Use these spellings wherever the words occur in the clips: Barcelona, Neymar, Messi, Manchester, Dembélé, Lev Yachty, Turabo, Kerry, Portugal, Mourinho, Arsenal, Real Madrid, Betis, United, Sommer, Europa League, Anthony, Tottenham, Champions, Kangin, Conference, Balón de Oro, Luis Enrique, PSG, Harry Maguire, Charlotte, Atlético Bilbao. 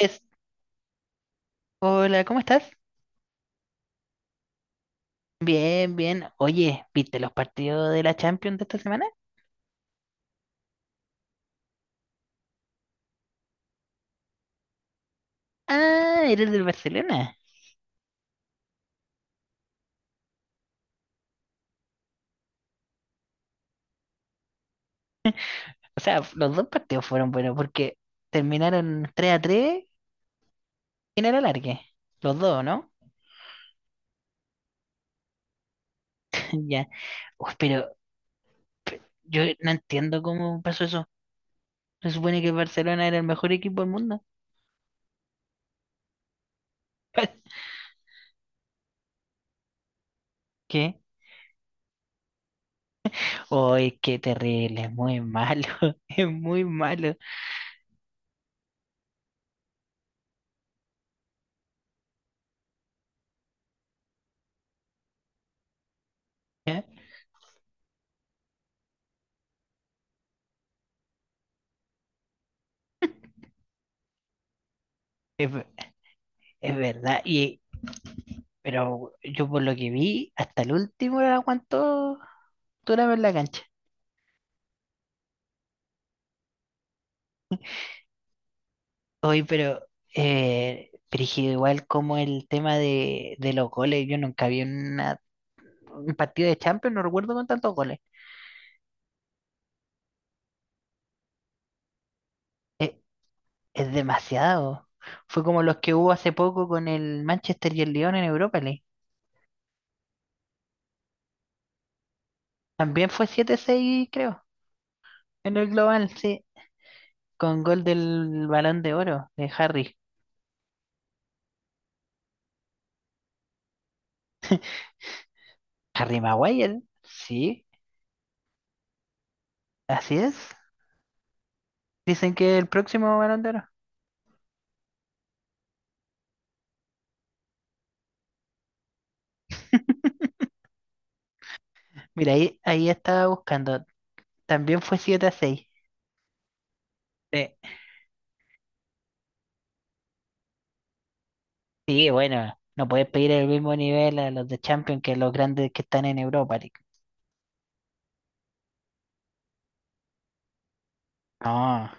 Andrés, hola, ¿cómo estás? Bien, bien. Oye, ¿viste los partidos de la Champions de esta semana? Ah, eres del Barcelona. O sea, los dos partidos fueron buenos porque terminaron tres a 3 en el alargue. Los dos, ¿no? Ya. Uf, pero yo no entiendo cómo pasó eso. Se supone que el Barcelona era el mejor equipo del mundo. ¿Qué? Uy, qué terrible, es muy malo. Es muy malo. ¿Eh? Es, ve- es verdad. Pero yo por lo que vi, hasta el último la aguantó Turabo en la cancha. Oye, pero, brígido, igual como el tema de los goles, yo nunca vi un partido de Champions, no recuerdo con tantos goles. Es, es demasiado. Fue como los que hubo hace poco con el Manchester y el Lyon en Europa League. También fue 7-6 creo, en el global, sí, con gol del Balón de Oro de Harry. Harry Maguire, sí, así es. Dicen que el próximo Balón de Oro. Mira, ahí estaba buscando. También fue 7-6. Sí, sí, bueno, no puedes pedir el mismo nivel a los de Champions que a los grandes que están en Europa League. No,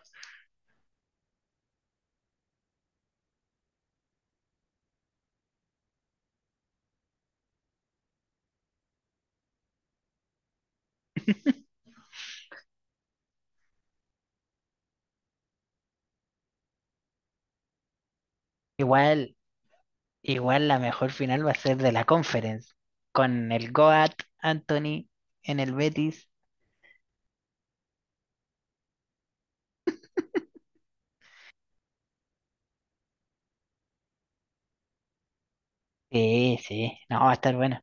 igual, igual la mejor final va a ser de la Conference. Con el Goat Anthony en el Betis. Sí, sí, no, va a estar bueno.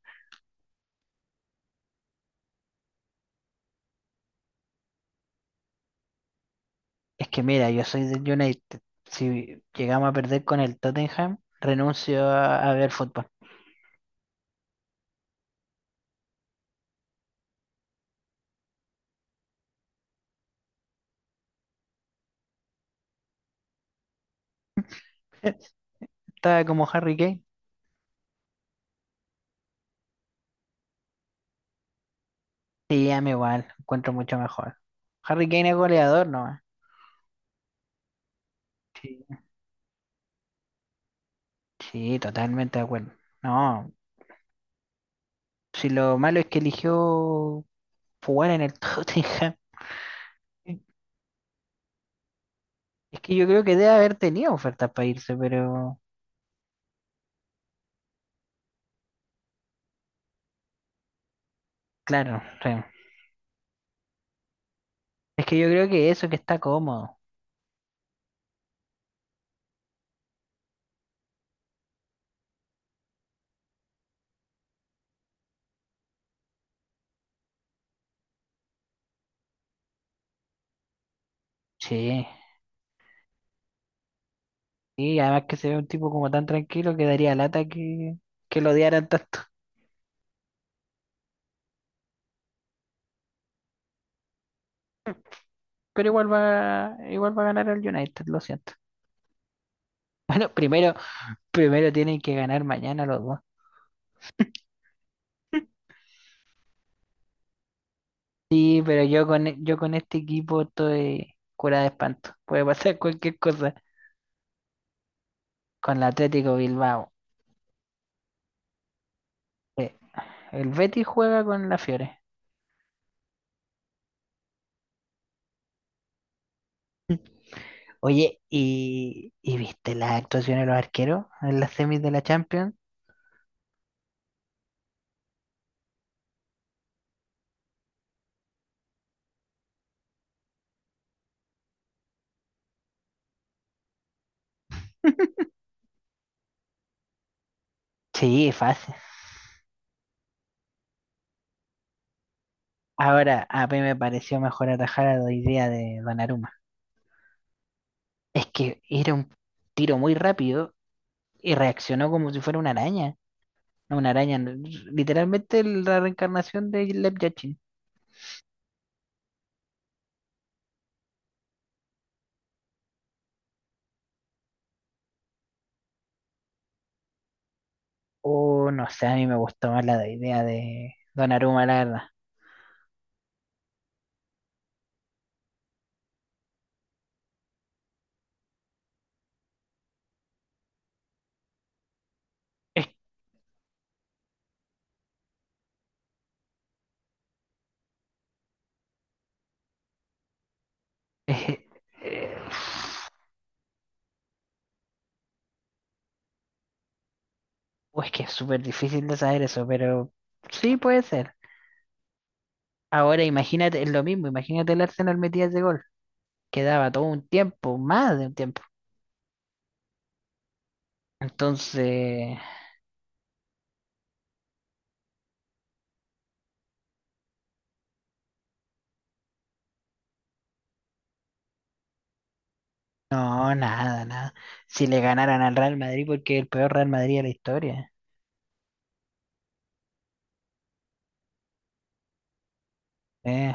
Es que mira, yo soy del United. Si llegamos a perder con el Tottenham, renuncio a ver fútbol. Estaba como Harry Kane. Sí, a mí igual, encuentro mucho mejor. Harry Kane es goleador, ¿no? Sí, sí, totalmente de acuerdo. No, si lo malo es que eligió jugar en el Tottenham. Es que yo creo que debe haber tenido ofertas para irse, pero claro, sí. Es que yo creo que eso que está cómodo. Sí. Y además que se ve un tipo como tan tranquilo que daría lata que lo odiaran tanto. Pero igual va a ganar el United, lo siento. Bueno, primero tienen que ganar mañana los dos. Sí, pero yo con este equipo estoy cura de espanto. Puede pasar cualquier cosa. Con el Atlético Bilbao. eh, El Betis juega con la Fiore. Oye, ¿y viste las actuaciones de los arqueros en las semis de la Champions? Sí, fácil. Ahora, a mí me pareció mejor atajar a la idea de Donnarumma. Es que era un tiro muy rápido y reaccionó como si fuera una araña. No, una araña, no, literalmente la reencarnación de Lev Yachty. Oh, no sé, a mí me gustó más la idea de Donnarumma, la verdad. Es, es- eh, pues que es súper difícil de saber eso, pero sí puede ser. Ahora imagínate, es lo mismo, imagínate el Arsenal metía ese gol, que daba todo un tiempo, más de un tiempo. Entonces, no, nada, nada. Si le ganaran al Real Madrid, porque es el peor Real Madrid de la historia. Eh,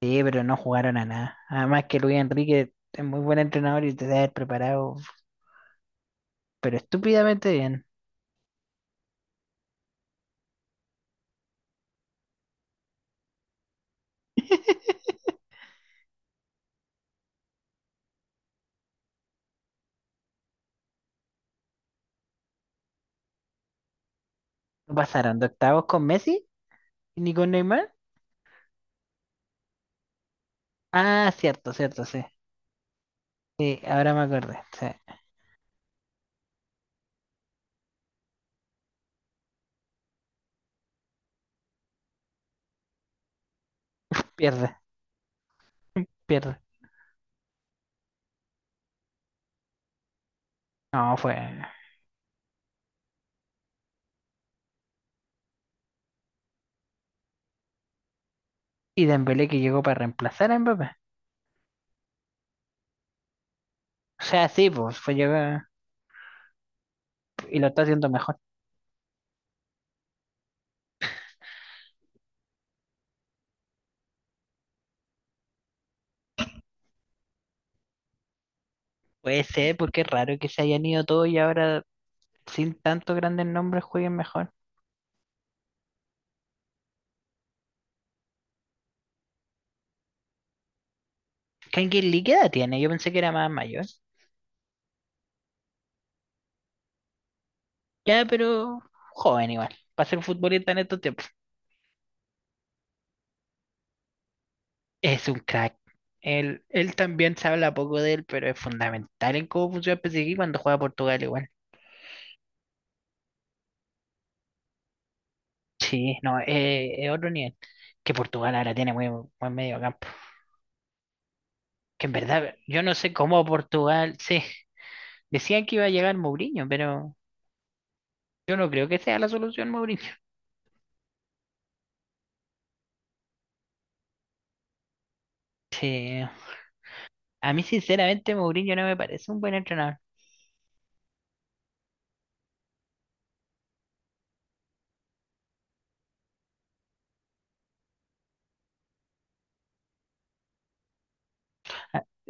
sí, pero no jugaron a nada. Además que Luis Enrique es muy buen entrenador y te debe haber preparado, pero estúpidamente bien. ¿No pasaron de octavos con Messi ni con Neymar? Ah, cierto, cierto, sí. Sí, ahora me acordé. Sí. Pierde, pierde. No, fue. Y Dembélé que llegó para reemplazar a Mbappé. O sea, sí, pues fue llegó y lo está haciendo mejor. Puede ser, porque es raro que se hayan ido todos y ahora sin tantos grandes nombres jueguen mejor. ¿Kangin qué edad tiene? Yo pensé que era más mayor. Ya, pero joven igual. Para ser futbolista en estos tiempos. Es un crack. Él también se habla poco de él, pero es fundamental en cómo funciona el PSG cuando juega Portugal igual. Sí, no, es otro nivel. Que Portugal ahora tiene muy buen medio campo. Que en verdad, yo no sé cómo Portugal. Sí, decían que iba a llegar Mourinho, pero yo no creo que sea la solución Mourinho. Sí, a mí sinceramente Mourinho no me parece un buen entrenador.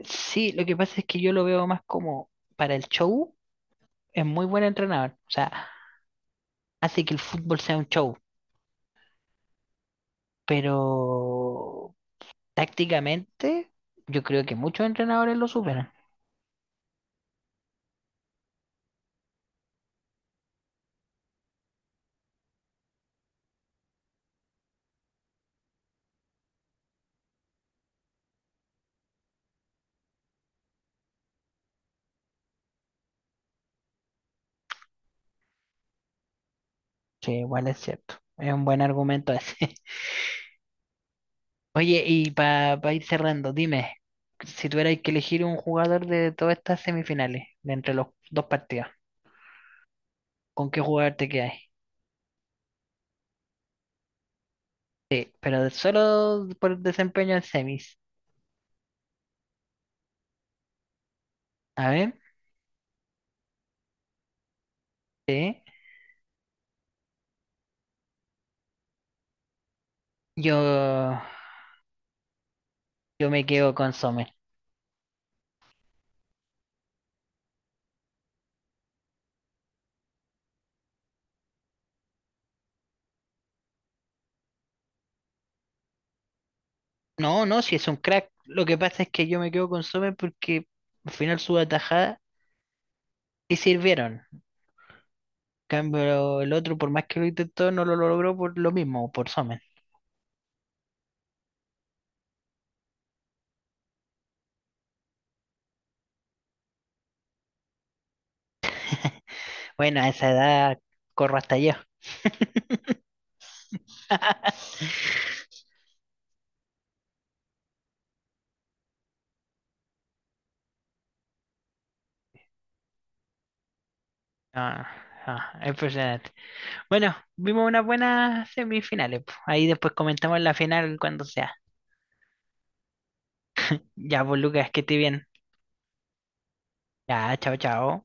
Sí, lo que pasa es que yo lo veo más como para el show, es muy buen entrenador. O sea, hace que el fútbol sea un show, pero tácticamente yo creo que muchos entrenadores lo superan. Sí, igual es cierto. Es un buen argumento ese. Oye, y para ir cerrando, dime, si tuvierais que elegir un jugador de todas estas semifinales, de entre los dos partidos, ¿con qué jugador te quedáis? Sí, pero solo por desempeño en semis. A ver, sí. Yo, yo me quedo con Sommer. No, no, si es un crack. Lo que pasa es que yo me quedo con Sommer porque al final sus atajadas sí sirvieron. Cambio el otro, por más que lo intentó, no lo logró por lo mismo, por Somen. Bueno, a esa edad corro hasta yo. Ah, ah, impresionante. Bueno, vimos unas buenas semifinales po. Ahí después comentamos la final cuando sea. Ya, pues Lucas, que esté bien. Ya, chao, chao.